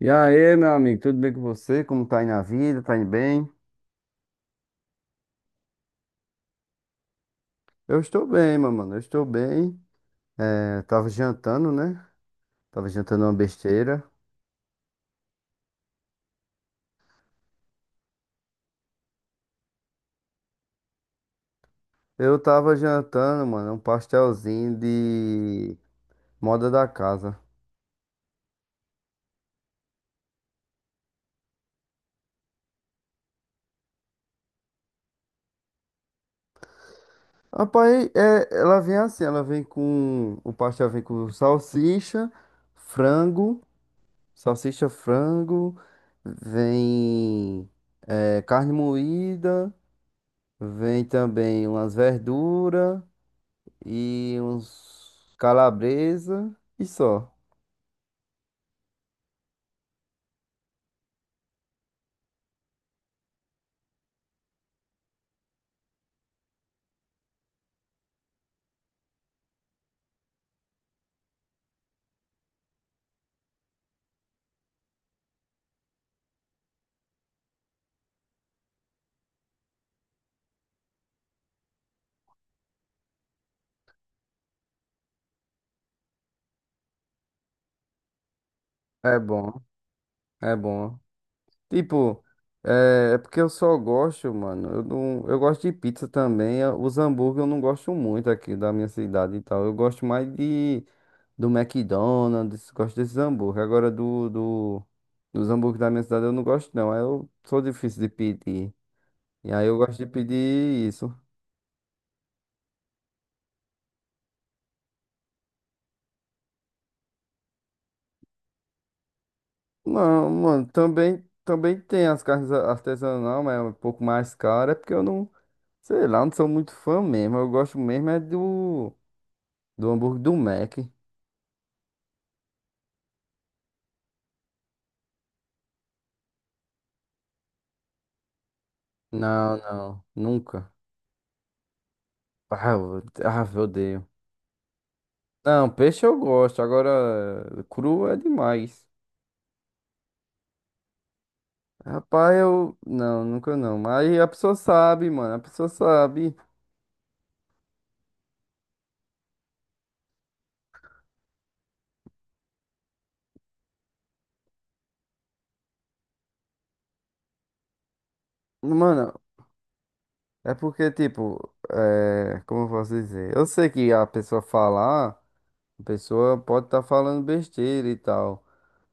E aí, meu amigo, tudo bem com você? Como tá aí na vida? Tá indo bem? Eu estou bem, meu mano, eu estou bem. É, tava jantando, né? Tava jantando uma besteira. Eu tava jantando, mano, um pastelzinho de moda da casa. Rapaz, é, ela vem assim, ela vem com... O pastel vem com frango, salsicha, frango, vem é, carne moída, vem também umas verduras e uns calabresa e só. É bom, é bom. Tipo, é, porque eu só gosto, mano. Eu não, eu gosto de pizza também. Os hambúrguer eu não gosto muito aqui da minha cidade e tal. Eu gosto mais de do McDonald's, gosto desses hambúrguer. Agora do, do dos hambúrguer da minha cidade eu não gosto não. Aí eu sou difícil de pedir. E aí eu gosto de pedir isso. Não, mano, também tem as carnes artesanais, mas é um pouco mais cara, é porque eu não, sei lá, não sou muito fã mesmo. Eu gosto mesmo é do hambúrguer do Mac. Não, não, nunca. Ah, eu, ah, eu odeio. Não, peixe eu gosto, agora cru é demais. Rapaz, eu. Não, nunca não. Mas a pessoa sabe, mano, a pessoa sabe. Mano, é porque, tipo, é, como eu posso dizer? Eu sei que a pessoa falar. A pessoa pode estar falando besteira e tal.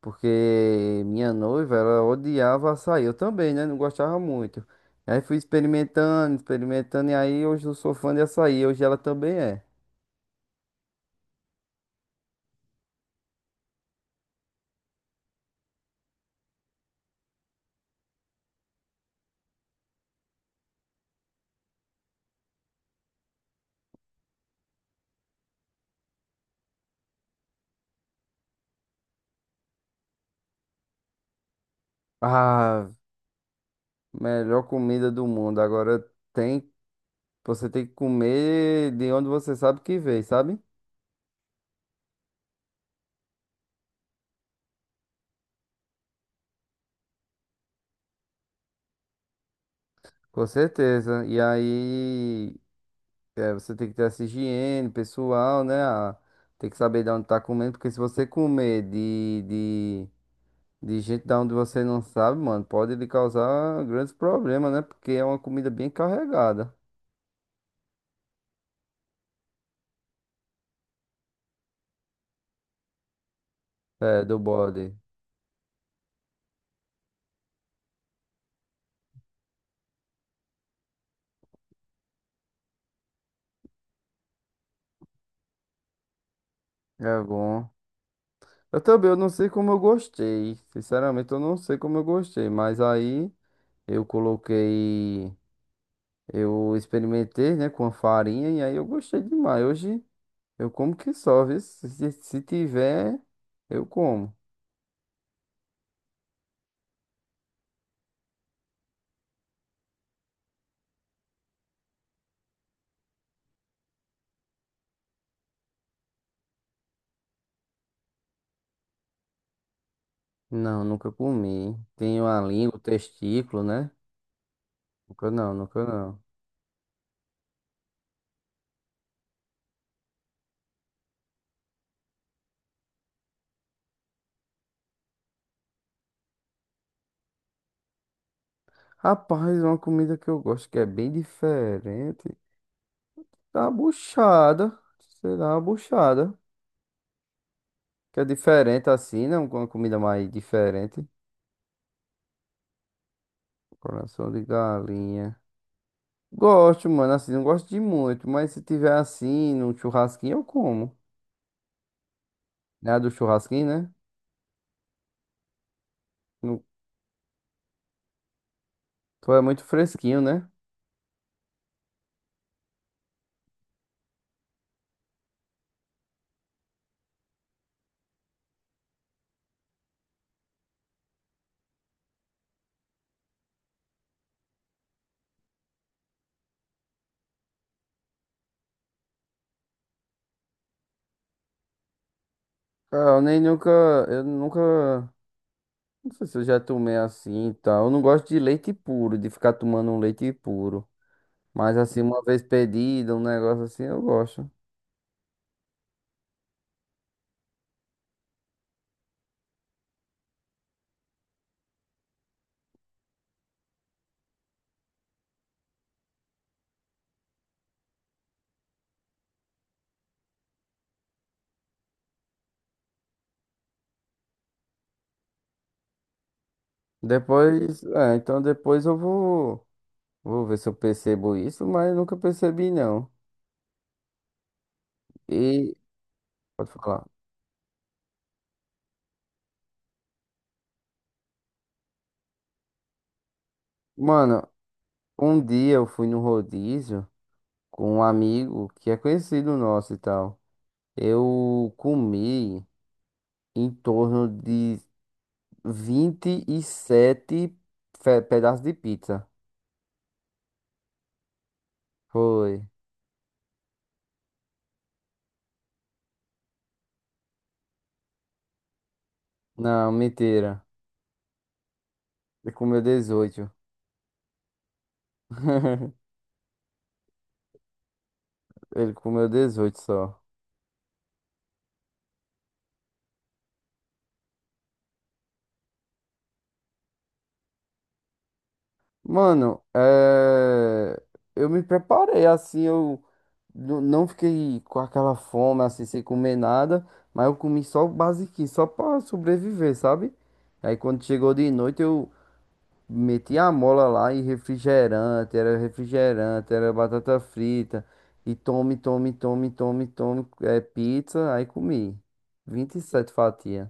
Porque minha noiva, ela odiava açaí. Eu também, né? Não gostava muito. Aí fui experimentando, experimentando. E aí hoje eu sou fã de açaí. Hoje ela também é. Ah, melhor comida do mundo. Agora tem, você tem que comer de onde você sabe que veio, sabe? Com certeza. E aí, é, você tem que ter essa higiene pessoal, né? Tem que saber de onde tá comendo. Porque se você comer de de gente da onde você não sabe, mano, pode lhe causar grandes problemas, né? Porque é uma comida bem carregada. É, do bode. É bom. Eu também, eu não sei como eu gostei. Sinceramente, eu não sei como eu gostei. Mas aí eu coloquei. Eu experimentei, né, com a farinha e aí eu gostei demais. Hoje eu como que só, viu? Se tiver, eu como. Não, nunca comi. Tenho a língua, o testículo, né? Nunca não, nunca não. Rapaz, uma comida que eu gosto que é bem diferente. Tá buchada. Sei lá, a buchada. Que é diferente assim, né? Uma comida mais diferente. Coração de galinha. Gosto, mano, assim, não gosto de muito, mas se tiver assim, num churrasquinho, eu como. Né? A do churrasquinho, né? No- Tu é muito fresquinho, né? Cara, eu nem nunca. Eu nunca. Não sei se eu já tomei assim e tal. Eu não gosto de leite puro, de ficar tomando um leite puro. Mas assim, uma vez pedido, um negócio assim, eu gosto. Depois, é, então depois vou ver se eu percebo isso, mas nunca percebi não. E, pode falar. Mano, um dia eu fui no rodízio com um amigo que é conhecido nosso e tal. Eu comi em torno de 27 pedaços de pizza. Foi. Não, mentira. Ele comeu 18 Ele comeu 18 só. Mano, é... eu me preparei assim, eu não fiquei com aquela fome assim, sem comer nada, mas eu comi só o basiquinho, só pra sobreviver, sabe? Aí quando chegou de noite eu meti a mola lá e refrigerante, era batata frita, e tome, tome, tome, tome, tome, é, pizza, aí comi 27 fatias.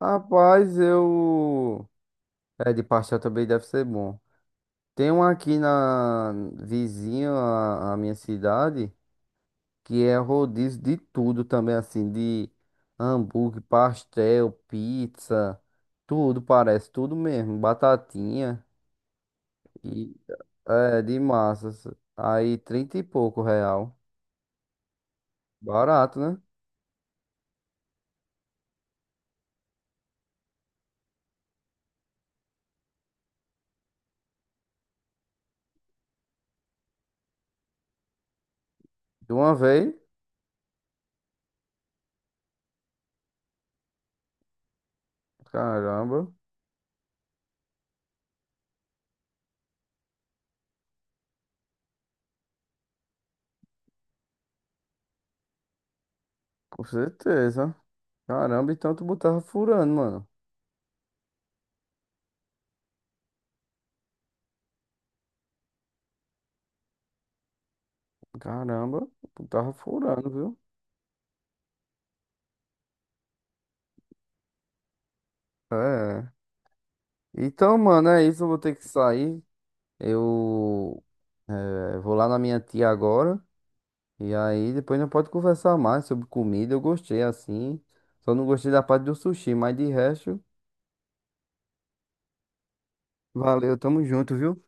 Rapaz, eu... É, de pastel também deve ser bom. Tem um aqui na vizinha à minha cidade que é rodízio de tudo também, assim, de hambúrguer, pastel, pizza, tudo parece, tudo mesmo, batatinha e é de massas. Aí 30 e pouco real. Barato, né? De uma vez? Caramba, com certeza. Caramba, então tu botava furando, mano. Caramba, tu tava furando, viu? É. Então, mano, é isso. Eu vou ter que sair. Eu vou lá na minha tia agora. E aí depois não pode conversar mais sobre comida. Eu gostei assim. Só não gostei da parte do sushi, mas de resto, valeu, tamo junto, viu?